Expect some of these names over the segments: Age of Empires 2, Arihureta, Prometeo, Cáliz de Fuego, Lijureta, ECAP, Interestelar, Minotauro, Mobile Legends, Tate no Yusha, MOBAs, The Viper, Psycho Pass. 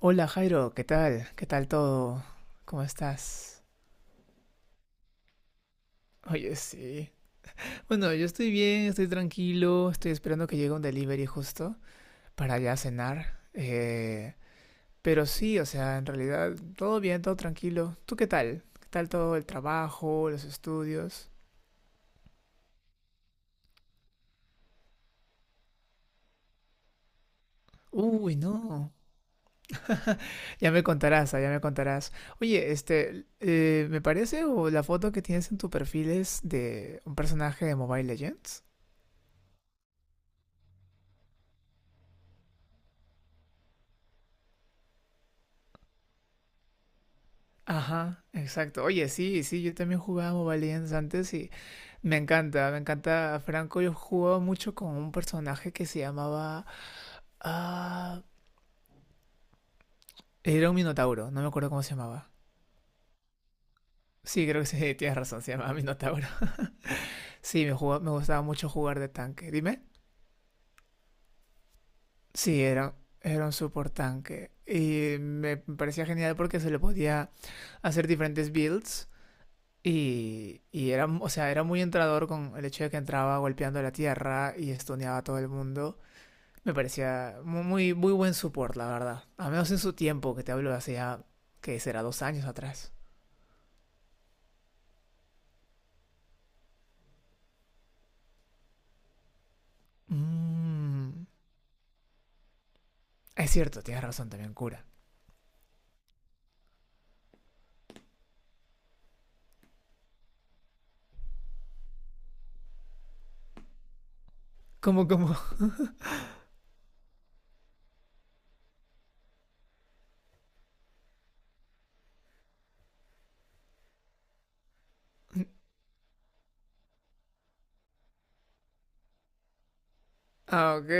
Hola Jairo, ¿qué tal? ¿Qué tal todo? ¿Cómo estás? Oye, sí. Bueno, yo estoy bien, estoy tranquilo, estoy esperando que llegue un delivery justo para ya cenar. Pero sí, o sea, en realidad todo bien, todo tranquilo. ¿Tú qué tal? ¿Qué tal todo el trabajo, los estudios? Uy, no. Ya me contarás, ya me contarás. Oye, este, me parece o la foto que tienes en tu perfil es de un personaje de Mobile Legends. Ajá, exacto. Oye, sí, sí, yo también jugaba Mobile Legends antes y me encanta Franco. Yo jugaba mucho con un personaje que se llamaba... Ah, era un Minotauro, no me acuerdo cómo se llamaba. Sí, creo que sí, tienes razón, se llamaba Minotauro. Sí, me gustaba mucho jugar de tanque. Dime. Sí, era un support tanque. Y me parecía genial porque se le podía hacer diferentes builds. Y era, o sea, era muy entrador con el hecho de que entraba golpeando la tierra y estuneaba a todo el mundo. Me parecía muy, muy buen support, la verdad. A menos en su tiempo, que te hablo de hace ya, que será 2 años atrás. Mm, es cierto, tienes razón también, cura. ¿Cómo, cómo? Ah, ok.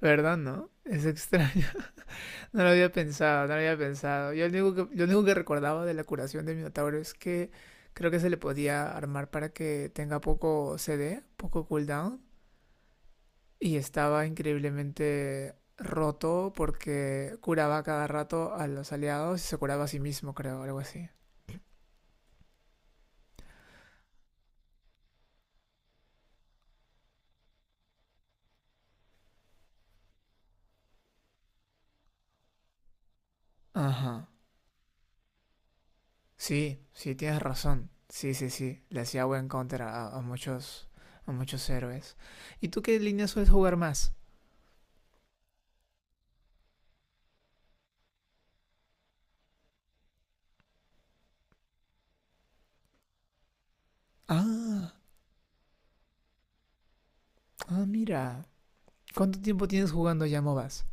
¿Verdad, no? Es extraño. No lo había pensado, no lo había pensado. Yo lo único que recordaba de la curación de Minotauro es que creo que se le podía armar para que tenga poco CD, poco cooldown. Y estaba increíblemente roto porque curaba cada rato a los aliados y se curaba a sí mismo, creo, algo así. Ajá. Sí, sí, tienes razón. Sí, sí, sí. Le hacía buen counter a muchos, a muchos héroes. ¿Y tú qué línea sueles jugar más? Ah, ah, mira. ¿Cuánto tiempo tienes jugando ya MOBAs?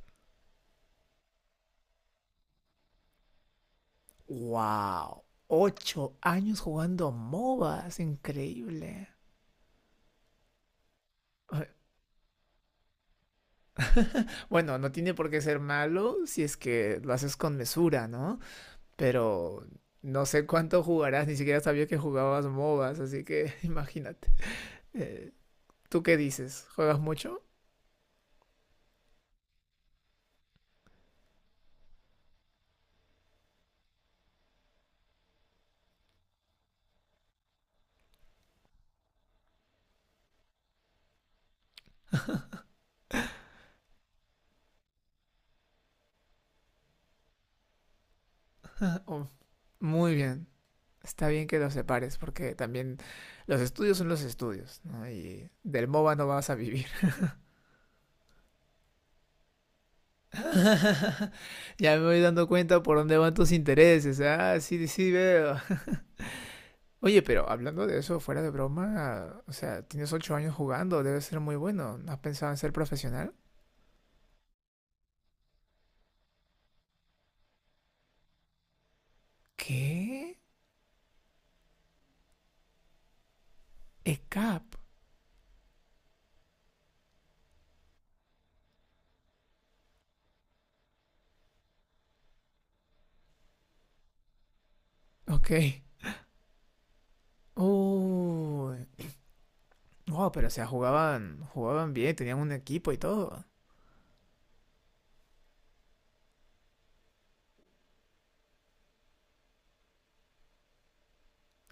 ¡Wow! 8 años jugando MOBAs, increíble. Ay. Bueno, no tiene por qué ser malo si es que lo haces con mesura, ¿no? Pero no sé cuánto jugarás, ni siquiera sabía que jugabas MOBAs, así que imagínate. Eh, ¿Tú qué dices? ¿Juegas mucho? Oh, muy bien. Está bien que los separes, porque también los estudios son los estudios, ¿no? Y del MOBA no vas a vivir. Ya me voy dando cuenta por dónde van tus intereses. ¿Eh? Ah, sí, sí veo. Oye, pero hablando de eso, fuera de broma, o sea, tienes 8 años jugando, debe ser muy bueno. ¿No has pensado en ser profesional? ¿Qué? ECAP. Ok. Uy. Wow, pero o sea, jugaban, jugaban bien, tenían un equipo y todo.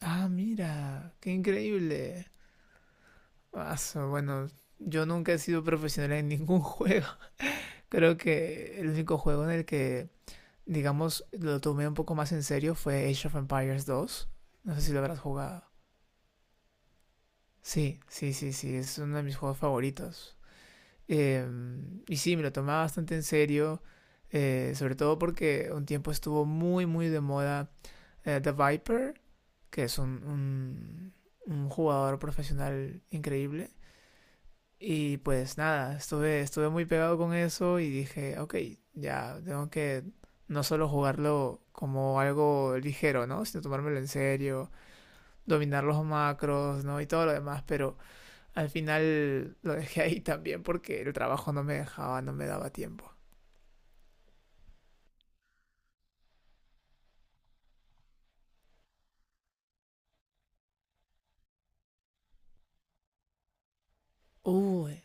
Ah, mira, qué increíble. Ah, bueno, yo nunca he sido profesional en ningún juego. Creo que el único juego en el que, digamos, lo tomé un poco más en serio fue Age of Empires 2. No sé si lo habrás jugado. Sí, sí, sí, sí, es uno de mis juegos favoritos. Y sí, me lo tomaba bastante en serio, sobre todo porque un tiempo estuvo muy, muy de moda, The Viper, que es un jugador profesional increíble. Y pues nada, estuve muy pegado con eso y dije, ok, ya tengo que no solo jugarlo como algo ligero, ¿no? Sino tomármelo en serio, dominar los macros, ¿no? Y todo lo demás, pero al final lo dejé ahí también porque el trabajo no me dejaba, no me daba tiempo. Uy,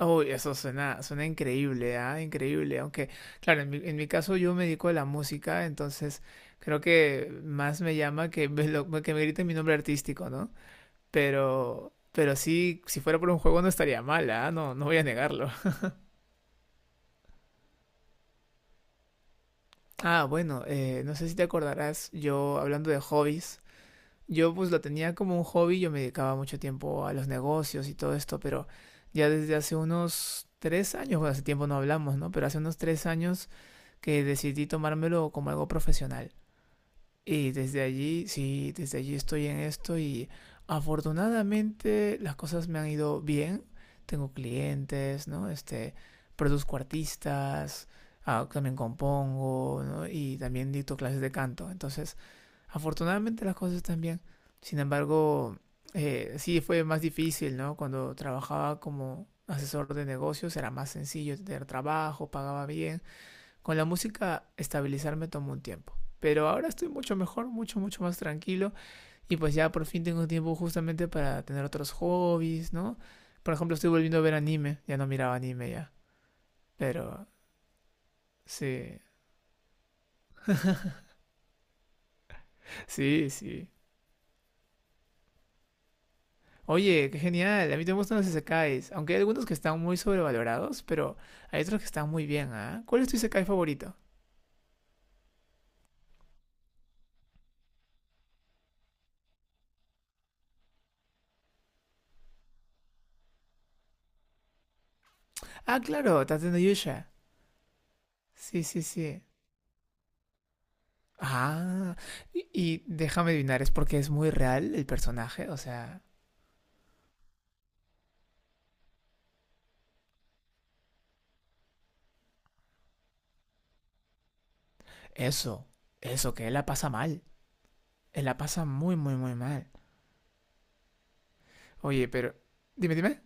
uy, eso suena increíble, ¿ah? Increíble. Aunque, claro, en mi caso yo me dedico a la música, entonces creo que más me llama que me griten mi nombre artístico, ¿no? Pero sí, si fuera por un juego no estaría mal, ¿ah? No, no voy a negarlo. Ah, bueno, no sé si te acordarás, yo hablando de hobbies. Yo pues lo tenía como un hobby, yo me dedicaba mucho tiempo a los negocios y todo esto, pero ya desde hace unos 3 años, bueno, hace tiempo no hablamos, ¿no? Pero hace unos 3 años que decidí tomármelo como algo profesional. Y desde allí, sí, desde allí estoy en esto y afortunadamente las cosas me han ido bien. Tengo clientes, ¿no? Este, produzco artistas, también compongo, ¿no? Y también dicto clases de canto. Entonces, afortunadamente las cosas están bien. Sin embargo, sí fue más difícil, ¿no? Cuando trabajaba como asesor de negocios era más sencillo tener trabajo, pagaba bien. Con la música estabilizarme tomó un tiempo. Pero ahora estoy mucho mejor, mucho, mucho más tranquilo. Y pues ya por fin tengo tiempo justamente para tener otros hobbies, ¿no? Por ejemplo, estoy volviendo a ver anime. Ya no miraba anime ya. Pero sí, sí, sí. Oye, qué genial. A mí también me gustan los isekais, aunque hay algunos que están muy sobrevalorados, pero hay otros que están muy bien, ¿ah? ¿Cuál es tu isekai favorito? Ah, claro, Tate no Yusha. Sí, sí, sí. Ah, y déjame adivinar, ¿es porque es muy real el personaje? O sea, eso, eso, que él la pasa mal. Él la pasa muy, muy, muy mal. Oye, pero, dime, dime.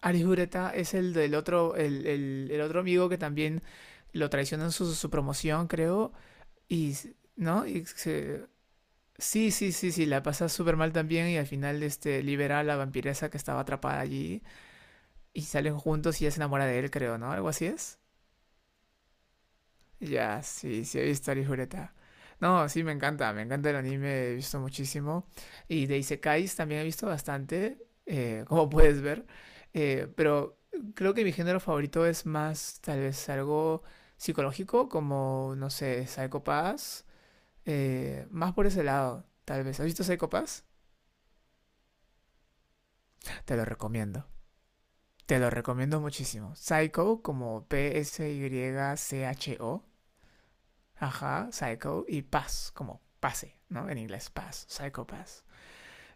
Arihureta es el del otro, el otro amigo que también lo traicionan su promoción, creo, y, ¿no? Sí, sí, sí, sí, la pasa súper mal también y al final este, libera a la vampiresa que estaba atrapada allí y salen juntos y ella se enamora de él, creo, ¿no? Algo así es. Ya, sí, sí, he visto a Lijureta. No, sí, me encanta el anime, he visto muchísimo. Y de Isekais también he visto bastante, como puedes ver. Pero creo que mi género favorito es más, tal vez, algo psicológico, como, no sé, Psycho Pass. Más por ese lado, tal vez. ¿Has visto Psycho Pass? Te lo recomiendo. Te lo recomiendo muchísimo. Psycho como Psycho. Ajá, Psycho. Y Paz como pase, ¿no? En inglés, Paz. Psycho Paz.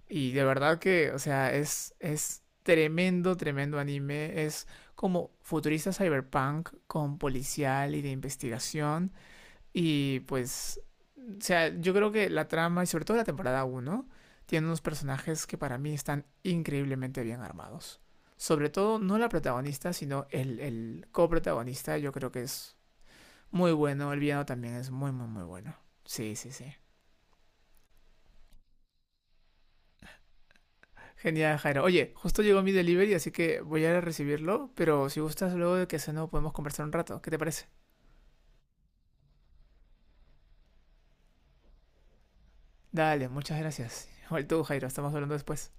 Y de verdad que, o sea, es tremendo, tremendo anime. Es como futurista cyberpunk con policial y de investigación. Y pues o sea, yo creo que la trama, y sobre todo la temporada uno tiene unos personajes que para mí están increíblemente bien armados. Sobre todo, no la protagonista, sino el coprotagonista, yo creo que es muy bueno. El villano también es muy, muy, muy bueno. Sí, sí, sí. Genial, Jairo. Oye, justo llegó mi delivery, así que voy a ir a recibirlo, pero si gustas, luego de que no podemos conversar un rato. ¿Qué te parece? Dale, muchas gracias. Igual tú, Jairo, estamos hablando después.